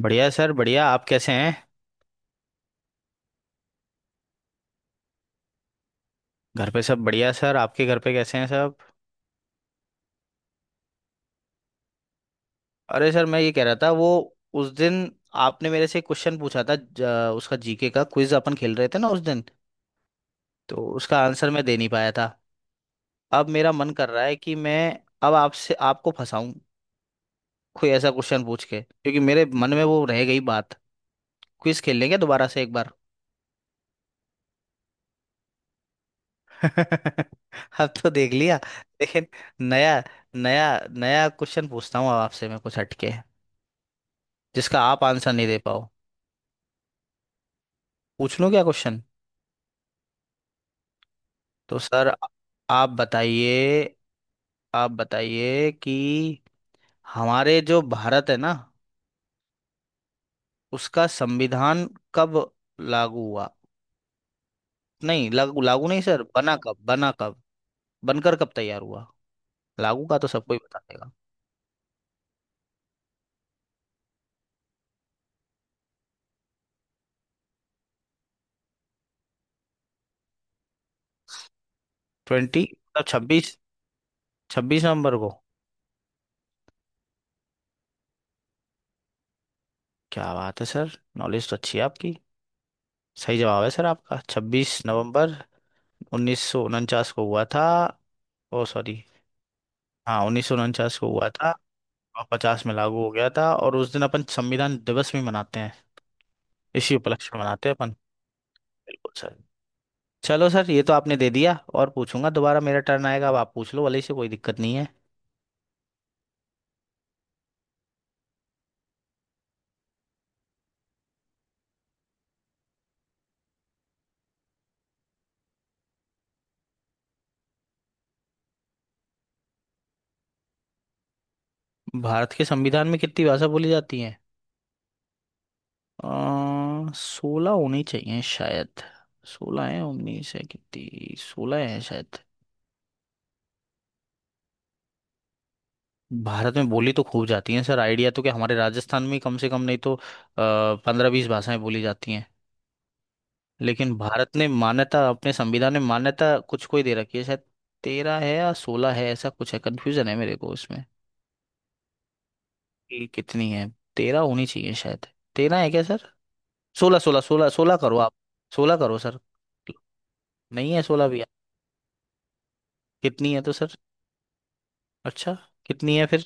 बढ़िया सर, बढ़िया। आप कैसे हैं? घर पे सब बढ़िया सर। आपके घर पे कैसे हैं सब? अरे सर, मैं ये कह रहा था वो उस दिन आपने मेरे से क्वेश्चन पूछा था उसका जीके का क्विज अपन खेल रहे थे ना उस दिन। तो उसका आंसर मैं दे नहीं पाया था। अब मेरा मन कर रहा है कि मैं अब आपसे आपको फंसाऊं कोई ऐसा क्वेश्चन पूछ के, क्योंकि मेरे मन में वो रह गई बात। क्विज खेल लेंगे दोबारा से एक बार। अब तो देख लिया। लेकिन नया नया नया क्वेश्चन पूछता हूँ अब आपसे मैं कुछ हटके, जिसका आप आंसर नहीं दे पाओ। पूछ लूं क्या क्वेश्चन? तो सर आप बताइए आप बताइए कि हमारे जो भारत है ना, उसका संविधान कब लागू हुआ? नहीं, लागू लागू नहीं सर, बना कब, बना कब, बनकर कब तैयार हुआ? लागू का तो सबको ही बता देगा। 20 मतलब 26, 26 नवंबर को। क्या बात है सर, नॉलेज तो अच्छी है आपकी। सही जवाब है सर आपका, 26 नवंबर 1949 को हुआ था। ओ सॉरी, हाँ 1949 को हुआ था। और 50 में लागू हो गया था, और उस दिन अपन संविधान दिवस भी मनाते हैं। इसी उपलक्ष्य में मनाते हैं अपन। बिल्कुल सर। चलो सर, ये तो आपने दे दिया। और पूछूंगा दोबारा, मेरा टर्न आएगा। अब आप पूछ लो वाले से कोई दिक्कत नहीं है। भारत के संविधान में कितनी भाषा बोली जाती है? 16 होनी चाहिए शायद। 16 है, 19 है, कितनी? 16 है शायद। भारत में बोली तो खूब जाती है सर, आइडिया तो क्या, हमारे राजस्थान में कम से कम नहीं तो 15-20 भाषाएं बोली जाती हैं। लेकिन भारत ने मान्यता, अपने संविधान में मान्यता कुछ को ही दे रखी है शायद। 13 है या 16 है, ऐसा कुछ है, कंफ्यूजन है मेरे को इसमें कि कितनी है। तेरह होनी चाहिए शायद। तेरह है क्या सर? 16, 16, 16, 16 करो आप। 16 करो सर। नहीं है? 16 भी है? कितनी है तो सर? अच्छा, कितनी है फिर?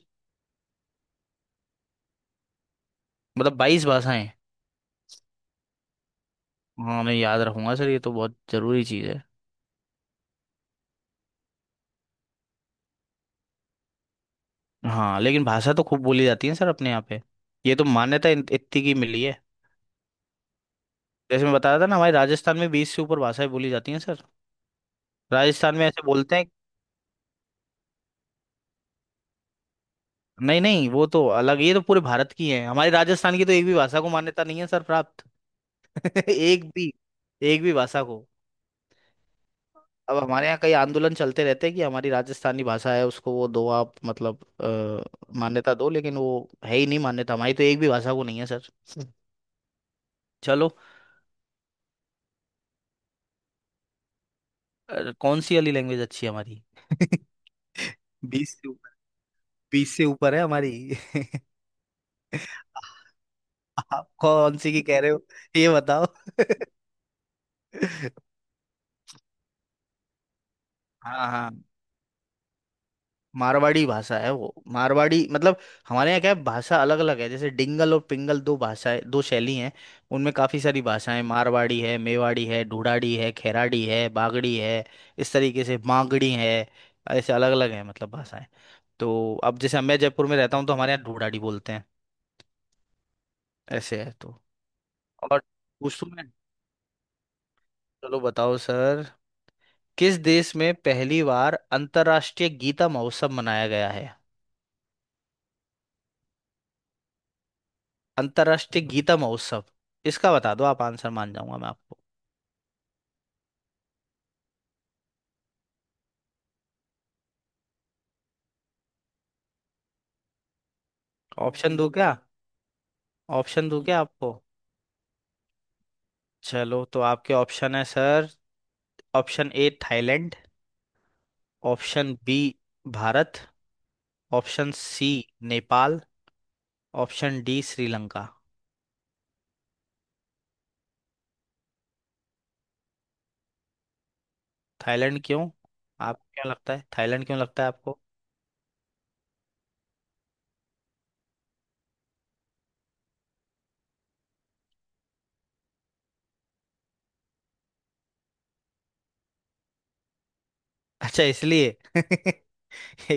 मतलब 22 भाषाएं। हाँ मैं याद रखूंगा सर, ये तो बहुत जरूरी चीज़ है। हाँ लेकिन भाषा तो खूब बोली जाती है सर अपने यहाँ पे। ये तो मान्यता इतनी की मिली है। जैसे मैं बता रहा था ना, हमारे राजस्थान में 20 से ऊपर भाषाएं बोली जाती हैं सर। राजस्थान में ऐसे बोलते हैं। नहीं नहीं, वो तो अलग, ये तो पूरे भारत की है। हमारी राजस्थान की तो एक भी भाषा को मान्यता नहीं है सर, प्राप्त। एक भी, एक भी भाषा को। अब हमारे यहाँ कई आंदोलन चलते रहते हैं कि हमारी राजस्थानी भाषा है, उसको वो दो आप, मतलब मान्यता दो। लेकिन वो है ही नहीं, मान्यता हमारी तो एक भी भाषा को नहीं है सर। चलो। कौन सी वाली लैंग्वेज अच्छी है हमारी? बीस से ऊपर, 20 से ऊपर है हमारी। आप कौन सी की कह रहे हो, ये बताओ? हाँ हाँ, मारवाड़ी भाषा है वो, मारवाड़ी मतलब। हमारे यहाँ क्या है, भाषा अलग अलग है, जैसे डिंगल और पिंगल, दो भाषाएं, दो शैली हैं। उनमें काफ़ी सारी भाषाएं, मारवाड़ी है, मेवाड़ी है, ढूढ़ाड़ी है, खैराड़ी है, बागड़ी है, इस तरीके से मांगड़ी है। ऐसे अलग अलग हैं मतलब भाषाएं। तो अब जैसे मैं जयपुर में रहता हूँ तो हमारे यहाँ ढूढ़ाड़ी बोलते हैं। ऐसे है तो। और पूछूं मैं? चलो बताओ सर। किस देश में पहली बार अंतर्राष्ट्रीय गीता महोत्सव मनाया गया है? अंतर्राष्ट्रीय गीता महोत्सव, इसका बता दो आप आंसर, मान जाऊंगा मैं आपको। ऑप्शन दूं क्या? आपको? चलो तो आपके ऑप्शन है sir, option A Thailand, option B Bharat, option C Nepal, option D Sri Lanka. Thailand क्यों? आप, क्या लगता है थाईलैंड क्यों लगता है आपको? अच्छा, इसलिए। ये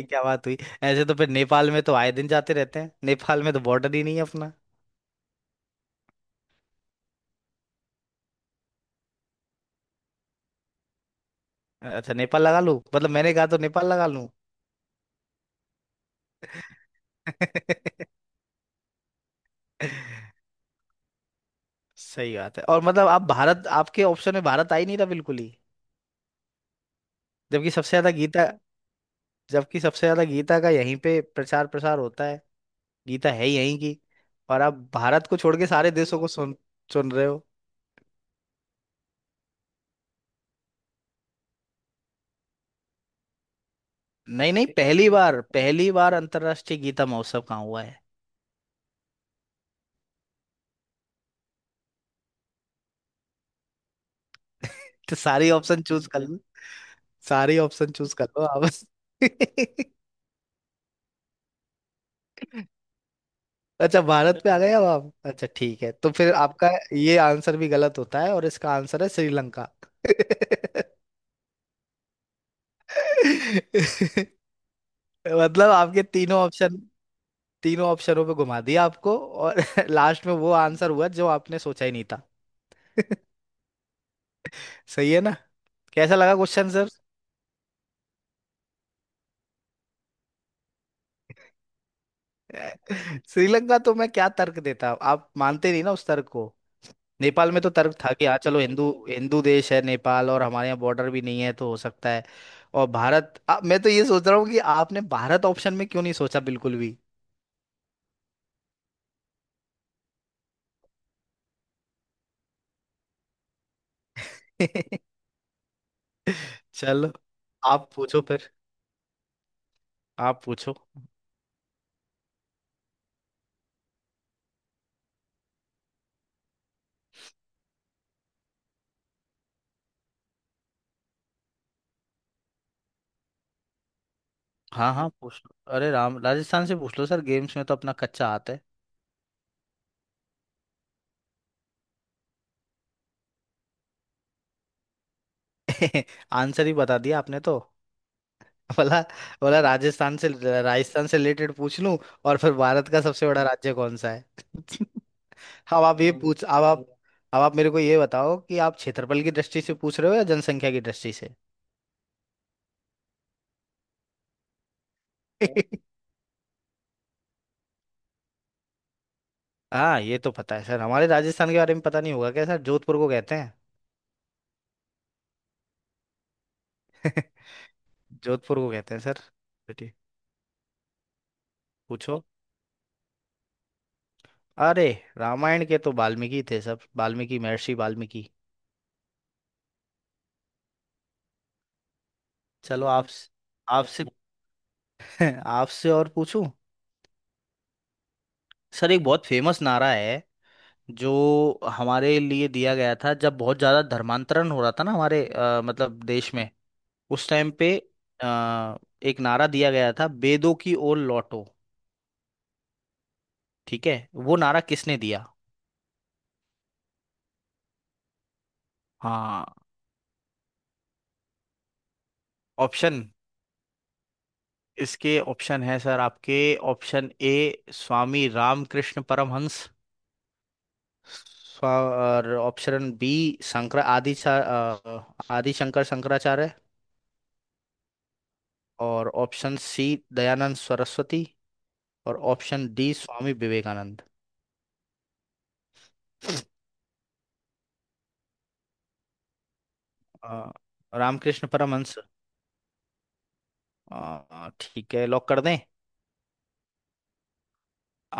क्या बात हुई? ऐसे तो फिर नेपाल में तो आए दिन जाते रहते हैं, नेपाल में तो बॉर्डर ही नहीं है अपना। अच्छा, नेपाल लगा लूं? मतलब मैंने कहा तो नेपाल लगा। सही बात है। और मतलब आप, भारत, आपके ऑप्शन में भारत आ ही नहीं था बिल्कुल ही। जबकि सबसे ज्यादा गीता जबकि सबसे ज्यादा गीता का यहीं पे प्रचार प्रसार होता है। गीता है ही यहीं की। और आप भारत को छोड़ के सारे देशों को सुन सुन रहे हो? नहीं नहीं, पहली बार अंतर्राष्ट्रीय गीता महोत्सव कहाँ हुआ है? तो सारी ऑप्शन चूज कर लो, सारी ऑप्शन चूज कर लो आप। अच्छा, भारत पे आ गए अब आप। अच्छा ठीक है, तो फिर आपका ये आंसर भी गलत होता है, और इसका आंसर है श्रीलंका। मतलब आपके तीनों ऑप्शनों पे घुमा दिया आपको, और लास्ट में वो आंसर हुआ जो आपने सोचा ही नहीं था। सही है ना? कैसा लगा क्वेश्चन सर? श्रीलंका तो मैं क्या तर्क देता, आप मानते नहीं ना उस तर्क को। नेपाल में तो तर्क था कि हाँ चलो, हिंदू हिंदू देश है नेपाल, और हमारे यहाँ बॉर्डर भी नहीं है तो हो सकता है। और भारत, मैं तो ये सोच रहा हूँ कि आपने भारत ऑप्शन में क्यों नहीं सोचा बिल्कुल भी। चलो। आप पूछो फिर, आप पूछो। हाँ हाँ पूछ लो, अरे राम, राजस्थान से पूछ लो सर, गेम्स में तो अपना कच्चा हाथ है। आंसर ही बता दिया आपने तो। बोला, बोला राजस्थान से, राजस्थान से रिलेटेड पूछ लूं, और फिर भारत का सबसे बड़ा राज्य कौन सा है? हाँ, अब आप ये तो पूछ अब आप मेरे को ये बताओ कि आप क्षेत्रफल की दृष्टि से पूछ रहे हो या जनसंख्या की दृष्टि से? हाँ ये तो पता है सर, हमारे राजस्थान के बारे में पता नहीं होगा क्या सर, जोधपुर को कहते हैं। जोधपुर को कहते हैं सर। बेटी। पूछो। अरे, रामायण के तो वाल्मीकि थे, सब वाल्मीकि, महर्षि वाल्मीकि। चलो आप, आपसे आपसे और पूछूं? सर एक बहुत फेमस नारा है जो हमारे लिए दिया गया था, जब बहुत ज्यादा धर्मांतरण हो रहा था ना हमारे, मतलब देश में, उस टाइम पे। आ, एक नारा दिया गया था, बेदों की ओर लौटो, ठीक है? वो नारा किसने दिया? हाँ ऑप्शन? इसके ऑप्शन है सर आपके, ऑप्शन ए स्वामी रामकृष्ण परमहंस, स्वा- और ऑप्शन बी शंकर आदि सा- अ, आदि शंकर, शंकराचार्य। और ऑप्शन सी दयानंद सरस्वती। और ऑप्शन डी स्वामी विवेकानंद। अ, रामकृष्ण परमहंस। ठीक है, लॉक कर दें?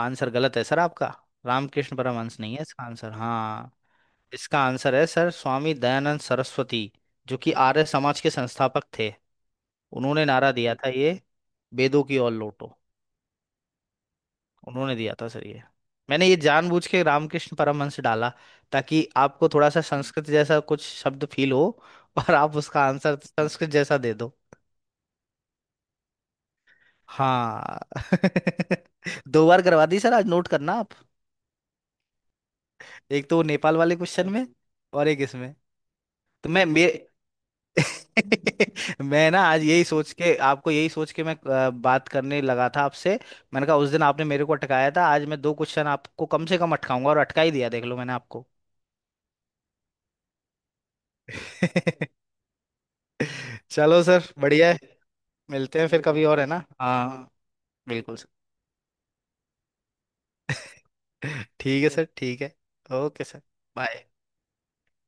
आंसर गलत है सर आपका। रामकृष्ण परमहंस नहीं है इसका आंसर। हाँ, इसका आंसर है सर स्वामी दयानंद सरस्वती, जो कि आर्य समाज के संस्थापक थे। उन्होंने नारा दिया था ये, वेदों की ओर लौटो। उन्होंने दिया था सर ये। मैंने ये जानबूझ के रामकृष्ण परमहंस डाला, ताकि आपको थोड़ा सा संस्कृत जैसा कुछ शब्द फील हो और आप उसका आंसर संस्कृत जैसा दे दो। हाँ। दो बार करवा दी सर, आज नोट करना आप। एक तो वो नेपाल वाले क्वेश्चन में, और एक इसमें। तो मैं मेरे मैं ना, आज यही सोच के आपको यही सोच के मैं बात करने लगा था आपसे। मैंने कहा, उस दिन आपने मेरे को अटकाया था, आज मैं दो क्वेश्चन आपको कम से कम अटकाऊंगा, और अटका ही दिया, देख लो मैंने आपको। चलो सर, बढ़िया है। मिलते हैं फिर कभी और, है ना? हाँ बिल्कुल सर। ठीक है सर, ठीक है। Okay sir. बाय।